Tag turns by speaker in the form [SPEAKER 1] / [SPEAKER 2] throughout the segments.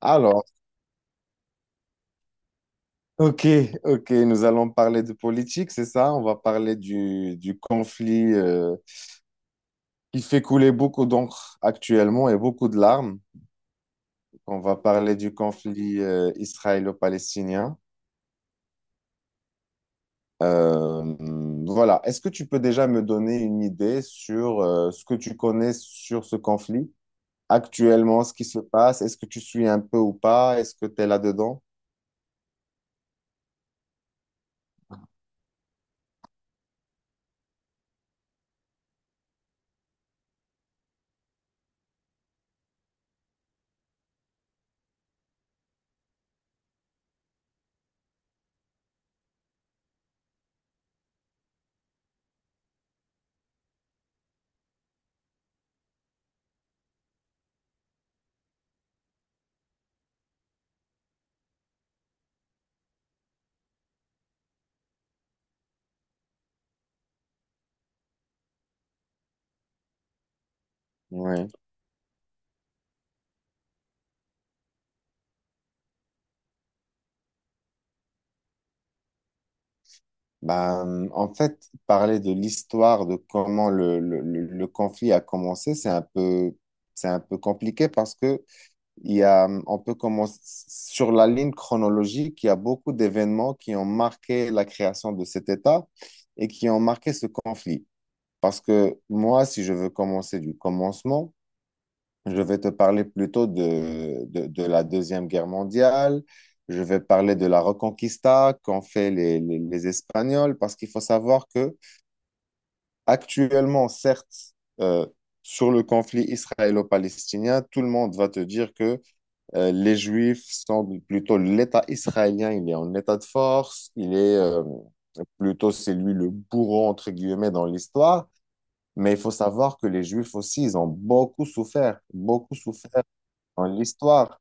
[SPEAKER 1] Alors, ok, ok, nous allons parler de politique, c'est ça? On va parler du conflit qui fait couler beaucoup d'encre actuellement et beaucoup de larmes. On va parler du conflit israélo-palestinien. Euh, voilà, est-ce que tu peux déjà me donner une idée sur ce que tu connais sur ce conflit actuellement, ce qui se passe? Est-ce que tu suis un peu ou pas? Est-ce que tu es là-dedans? Oui. Ben, en fait, parler de l'histoire de comment le conflit a commencé, c'est un peu compliqué parce que on peut commencer sur la ligne chronologique, il y a beaucoup d'événements qui ont marqué la création de cet État et qui ont marqué ce conflit. Parce que moi, si je veux commencer du commencement, je vais te parler plutôt de la Deuxième Guerre mondiale. Je vais parler de la Reconquista qu'ont fait les Espagnols, parce qu'il faut savoir que actuellement, certes, euh, sur le conflit israélo-palestinien, tout le monde va te dire que les Juifs sont plutôt l'État israélien, il est en état de force, il est plutôt c'est lui le bourreau, entre guillemets, dans l'histoire. Mais il faut savoir que les Juifs aussi, ils ont beaucoup souffert dans l'histoire.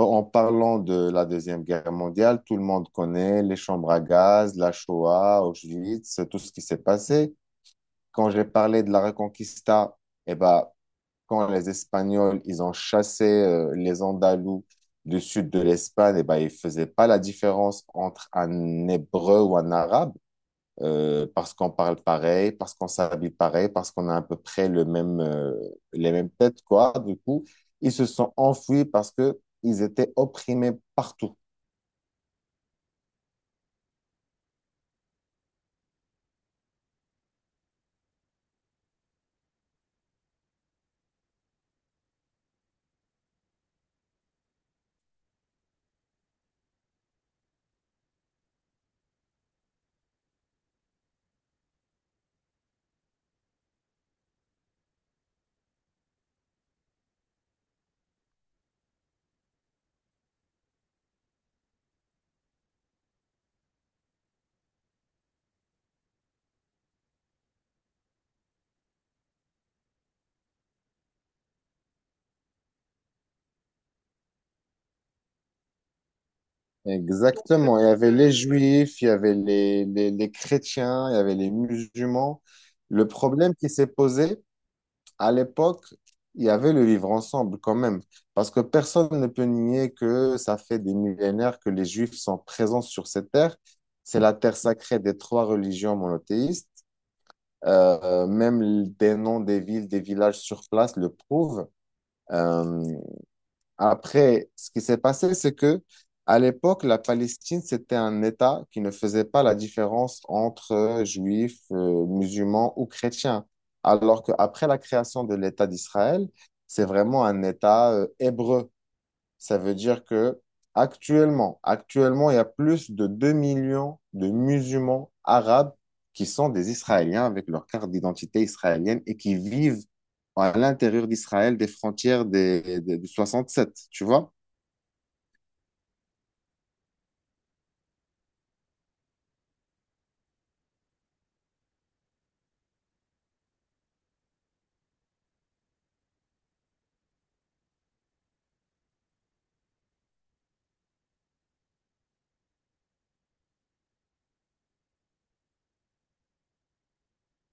[SPEAKER 1] En parlant de la Deuxième Guerre mondiale, tout le monde connaît les chambres à gaz, la Shoah, Auschwitz, tout ce qui s'est passé. Quand j'ai parlé de la Reconquista, eh ben, quand les Espagnols ils ont chassé les Andalous du sud de l'Espagne, eh ben, ils ne faisaient pas la différence entre un Hébreu ou un Arabe parce qu'on parle pareil, parce qu'on s'habille pareil, parce qu'on a à peu près les mêmes têtes, quoi. Du coup, ils se sont enfuis parce que ils étaient opprimés partout. Exactement. Il y avait les juifs, il y avait les chrétiens, il y avait les musulmans. Le problème qui s'est posé, à l'époque, il y avait le vivre ensemble quand même, parce que personne ne peut nier que ça fait des millénaires que les Juifs sont présents sur cette terre. C'est la terre sacrée des trois religions monothéistes. Même des noms des villes, des villages sur place le prouvent. Euh, Après, ce qui s'est passé, c'est que à l'époque, la Palestine, c'était un État qui ne faisait pas la différence entre juifs, musulmans ou chrétiens. Alors qu'après la création de l'État d'Israël, c'est vraiment un État hébreu. Ça veut dire que actuellement, actuellement, il y a plus de 2 millions de musulmans arabes qui sont des Israéliens avec leur carte d'identité israélienne et qui vivent à l'intérieur d'Israël des frontières du 67, tu vois?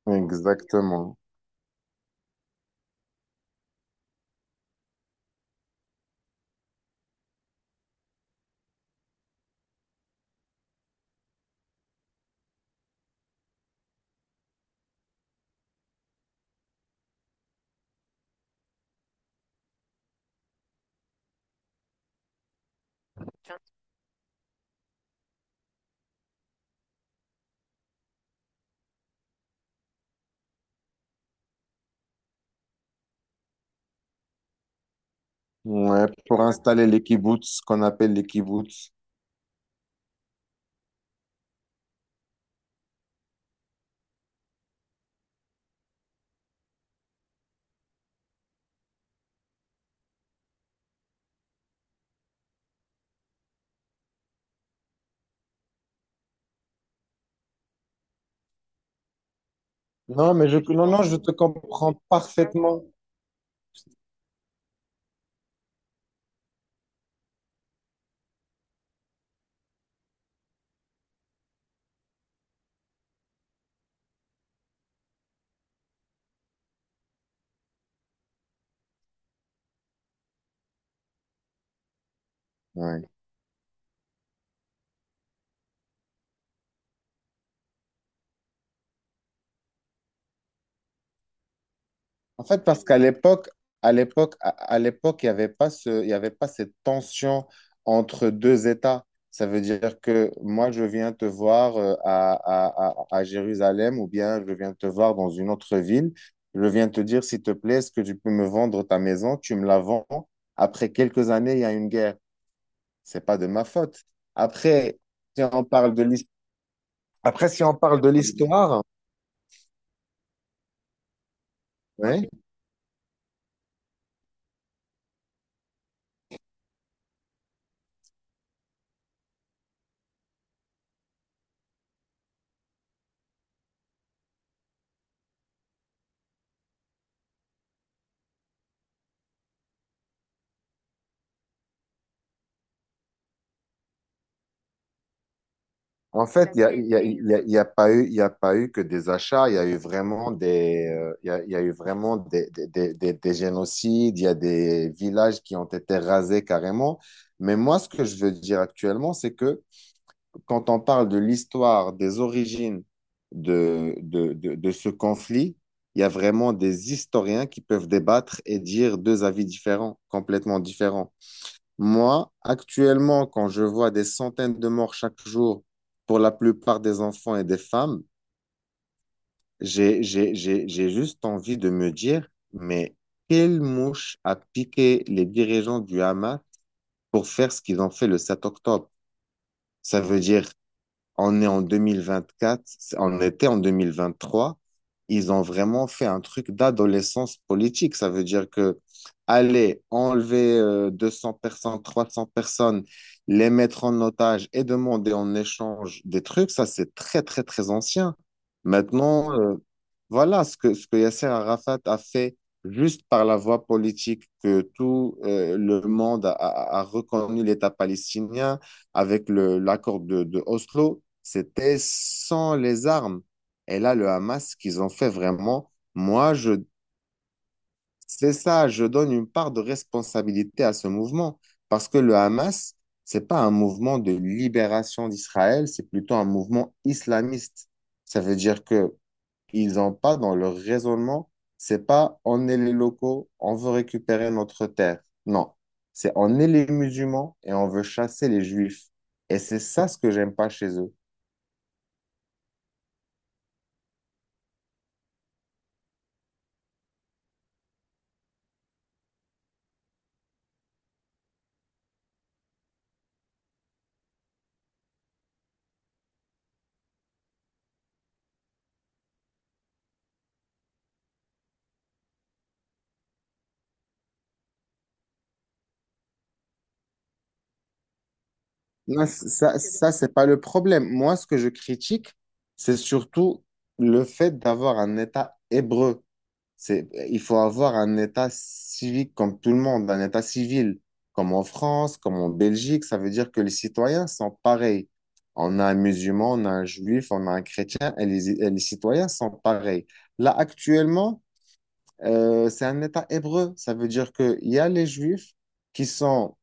[SPEAKER 1] Exactement. Ouais, pour installer les kibbutz, ce qu'on appelle les kibbutz. Non, mais non, non, je te comprends parfaitement. Ouais. En fait, parce qu'à l'époque, il n'y avait pas il y avait pas cette tension entre deux États. Ça veut dire que moi, je viens te voir à Jérusalem ou bien je viens te voir dans une autre ville. Je viens te dire, s'il te plaît, est-ce que tu peux me vendre ta maison? Tu me la vends. Après quelques années, il y a une guerre. C'est pas de ma faute. Après, si on parle de l'histoire, après, si on parle de l'histoire, ouais. En fait, ça il y a pas eu que des achats, il y a eu vraiment des génocides, il y a des villages qui ont été rasés carrément. Mais moi, ce que je veux dire actuellement, c'est que quand on parle de l'histoire, des origines de ce conflit, il y a vraiment des historiens qui peuvent débattre et dire deux avis différents, complètement différents. Moi, actuellement, quand je vois des centaines de morts chaque jour pour la plupart des enfants et des femmes, j'ai juste envie de me dire, mais quelle mouche a piqué les dirigeants du Hamas pour faire ce qu'ils ont fait le 7 octobre? Ça veut dire on est en 2024, on était en 2023. Ils ont vraiment fait un truc d'adolescence politique. Ça veut dire que aller enlever 200 personnes, 300 personnes, les mettre en otage et demander en échange des trucs, ça c'est très très très ancien. Maintenant, voilà ce que Yasser Arafat a fait juste par la voie politique que tout le monde a reconnu l'État palestinien avec l'accord de Oslo, c'était sans les armes. Et là, le Hamas, ce qu'ils ont fait vraiment, moi, c'est ça, je donne une part de responsabilité à ce mouvement. Parce que le Hamas, c'est pas un mouvement de libération d'Israël, c'est plutôt un mouvement islamiste. Ça veut dire que ils n'ont pas dans leur raisonnement, c'est pas on est les locaux, on veut récupérer notre terre. Non, c'est on est les musulmans et on veut chasser les juifs. Et c'est ça ce que j'aime pas chez eux. Non, c'est pas le problème. Moi, ce que je critique, c'est surtout le fait d'avoir un État hébreu. Il faut avoir un État civique comme tout le monde, un État civil, comme en France, comme en Belgique. Ça veut dire que les citoyens sont pareils. On a un musulman, on a un juif, on a un chrétien, et les citoyens sont pareils. Là, actuellement, c'est un État hébreu. Ça veut dire qu'il y a les Juifs qui sont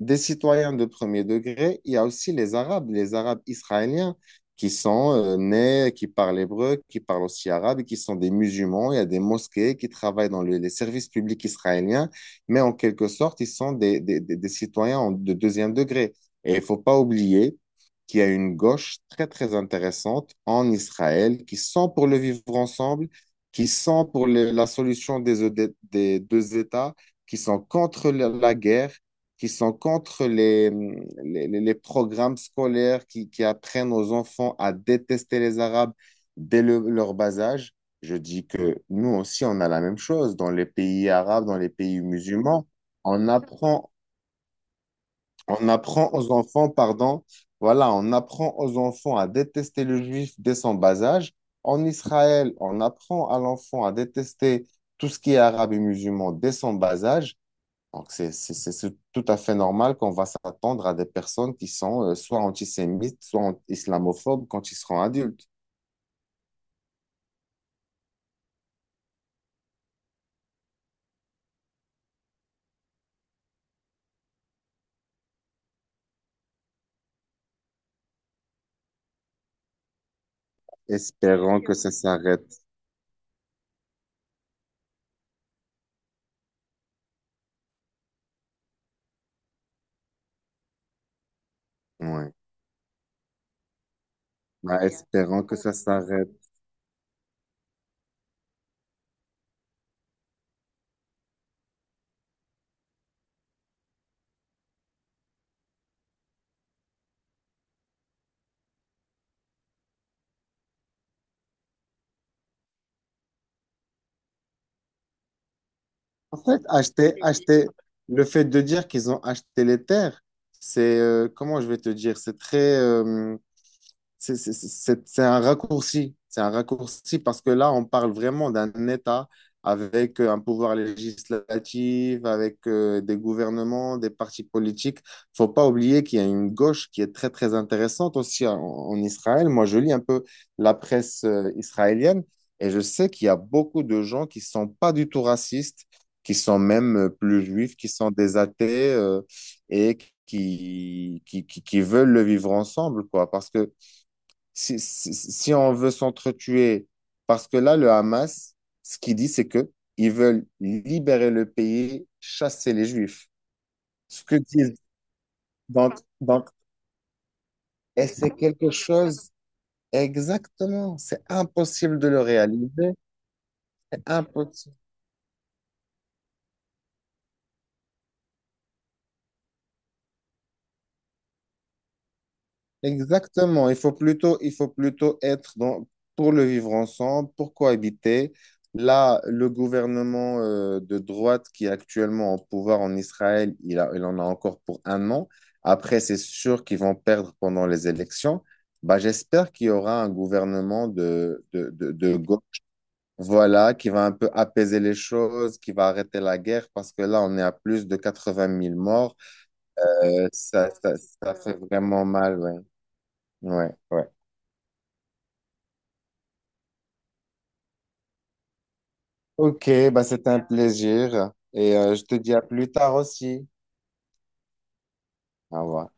[SPEAKER 1] des citoyens de premier degré. Il y a aussi les Arabes israéliens qui sont nés, qui parlent hébreu, qui parlent aussi arabe et qui sont des musulmans. Il y a des mosquées qui travaillent dans les services publics israéliens, mais en quelque sorte, ils sont des citoyens de deuxième degré. Et il ne faut pas oublier qu'il y a une gauche très, très intéressante en Israël qui sont pour le vivre ensemble qui sont pour la solution des deux États, qui sont contre la guerre, qui sont contre les programmes scolaires qui apprennent aux enfants à détester les Arabes dès leur bas âge. Je dis que nous aussi, on a la même chose dans les pays arabes, dans les pays musulmans. On apprend on apprend aux enfants, pardon, voilà, on apprend aux enfants à détester le juif dès son bas âge. En Israël, on apprend à l'enfant à détester tout ce qui est arabe et musulman dès son bas âge. Donc, c'est tout à fait normal qu'on va s'attendre à des personnes qui sont soit antisémites, islamophobes quand ils seront adultes. Espérons que ça s'arrête. Ouais. Bah, espérons que ça s'arrête. En fait, le fait de dire qu'ils ont acheté les terres, c'est, comment je vais te dire, c'est un raccourci. C'est un raccourci parce que là, on parle vraiment d'un État avec un pouvoir législatif, avec des gouvernements, des partis politiques. Faut pas oublier qu'il y a une gauche qui est très, très intéressante aussi en Israël. Moi, je lis un peu la presse israélienne et je sais qu'il y a beaucoup de gens qui sont pas du tout racistes, qui sont même plus juifs, qui sont des athées et qui veulent le vivre ensemble, quoi. Parce que si on veut s'entretuer, parce que là, le Hamas, ce qu'il dit, c'est que ils veulent libérer le pays, chasser les Juifs. Ce que disent. Donc, donc, et c'est quelque chose, exactement, c'est impossible de le réaliser, c'est impossible. Exactement, il faut plutôt être dans, pour le vivre ensemble, pour cohabiter. Là, le gouvernement de droite qui est actuellement au pouvoir en Israël, il en a encore pour un an. Après, c'est sûr qu'ils vont perdre pendant les élections. Bah, j'espère qu'il y aura un gouvernement de gauche, voilà, qui va un peu apaiser les choses, qui va arrêter la guerre, parce que là, on est à plus de 80 000 morts. Ça fait vraiment mal, ouais. Ouais, ouais. Ok, bah c'était un plaisir et je te dis à plus tard aussi. Au revoir.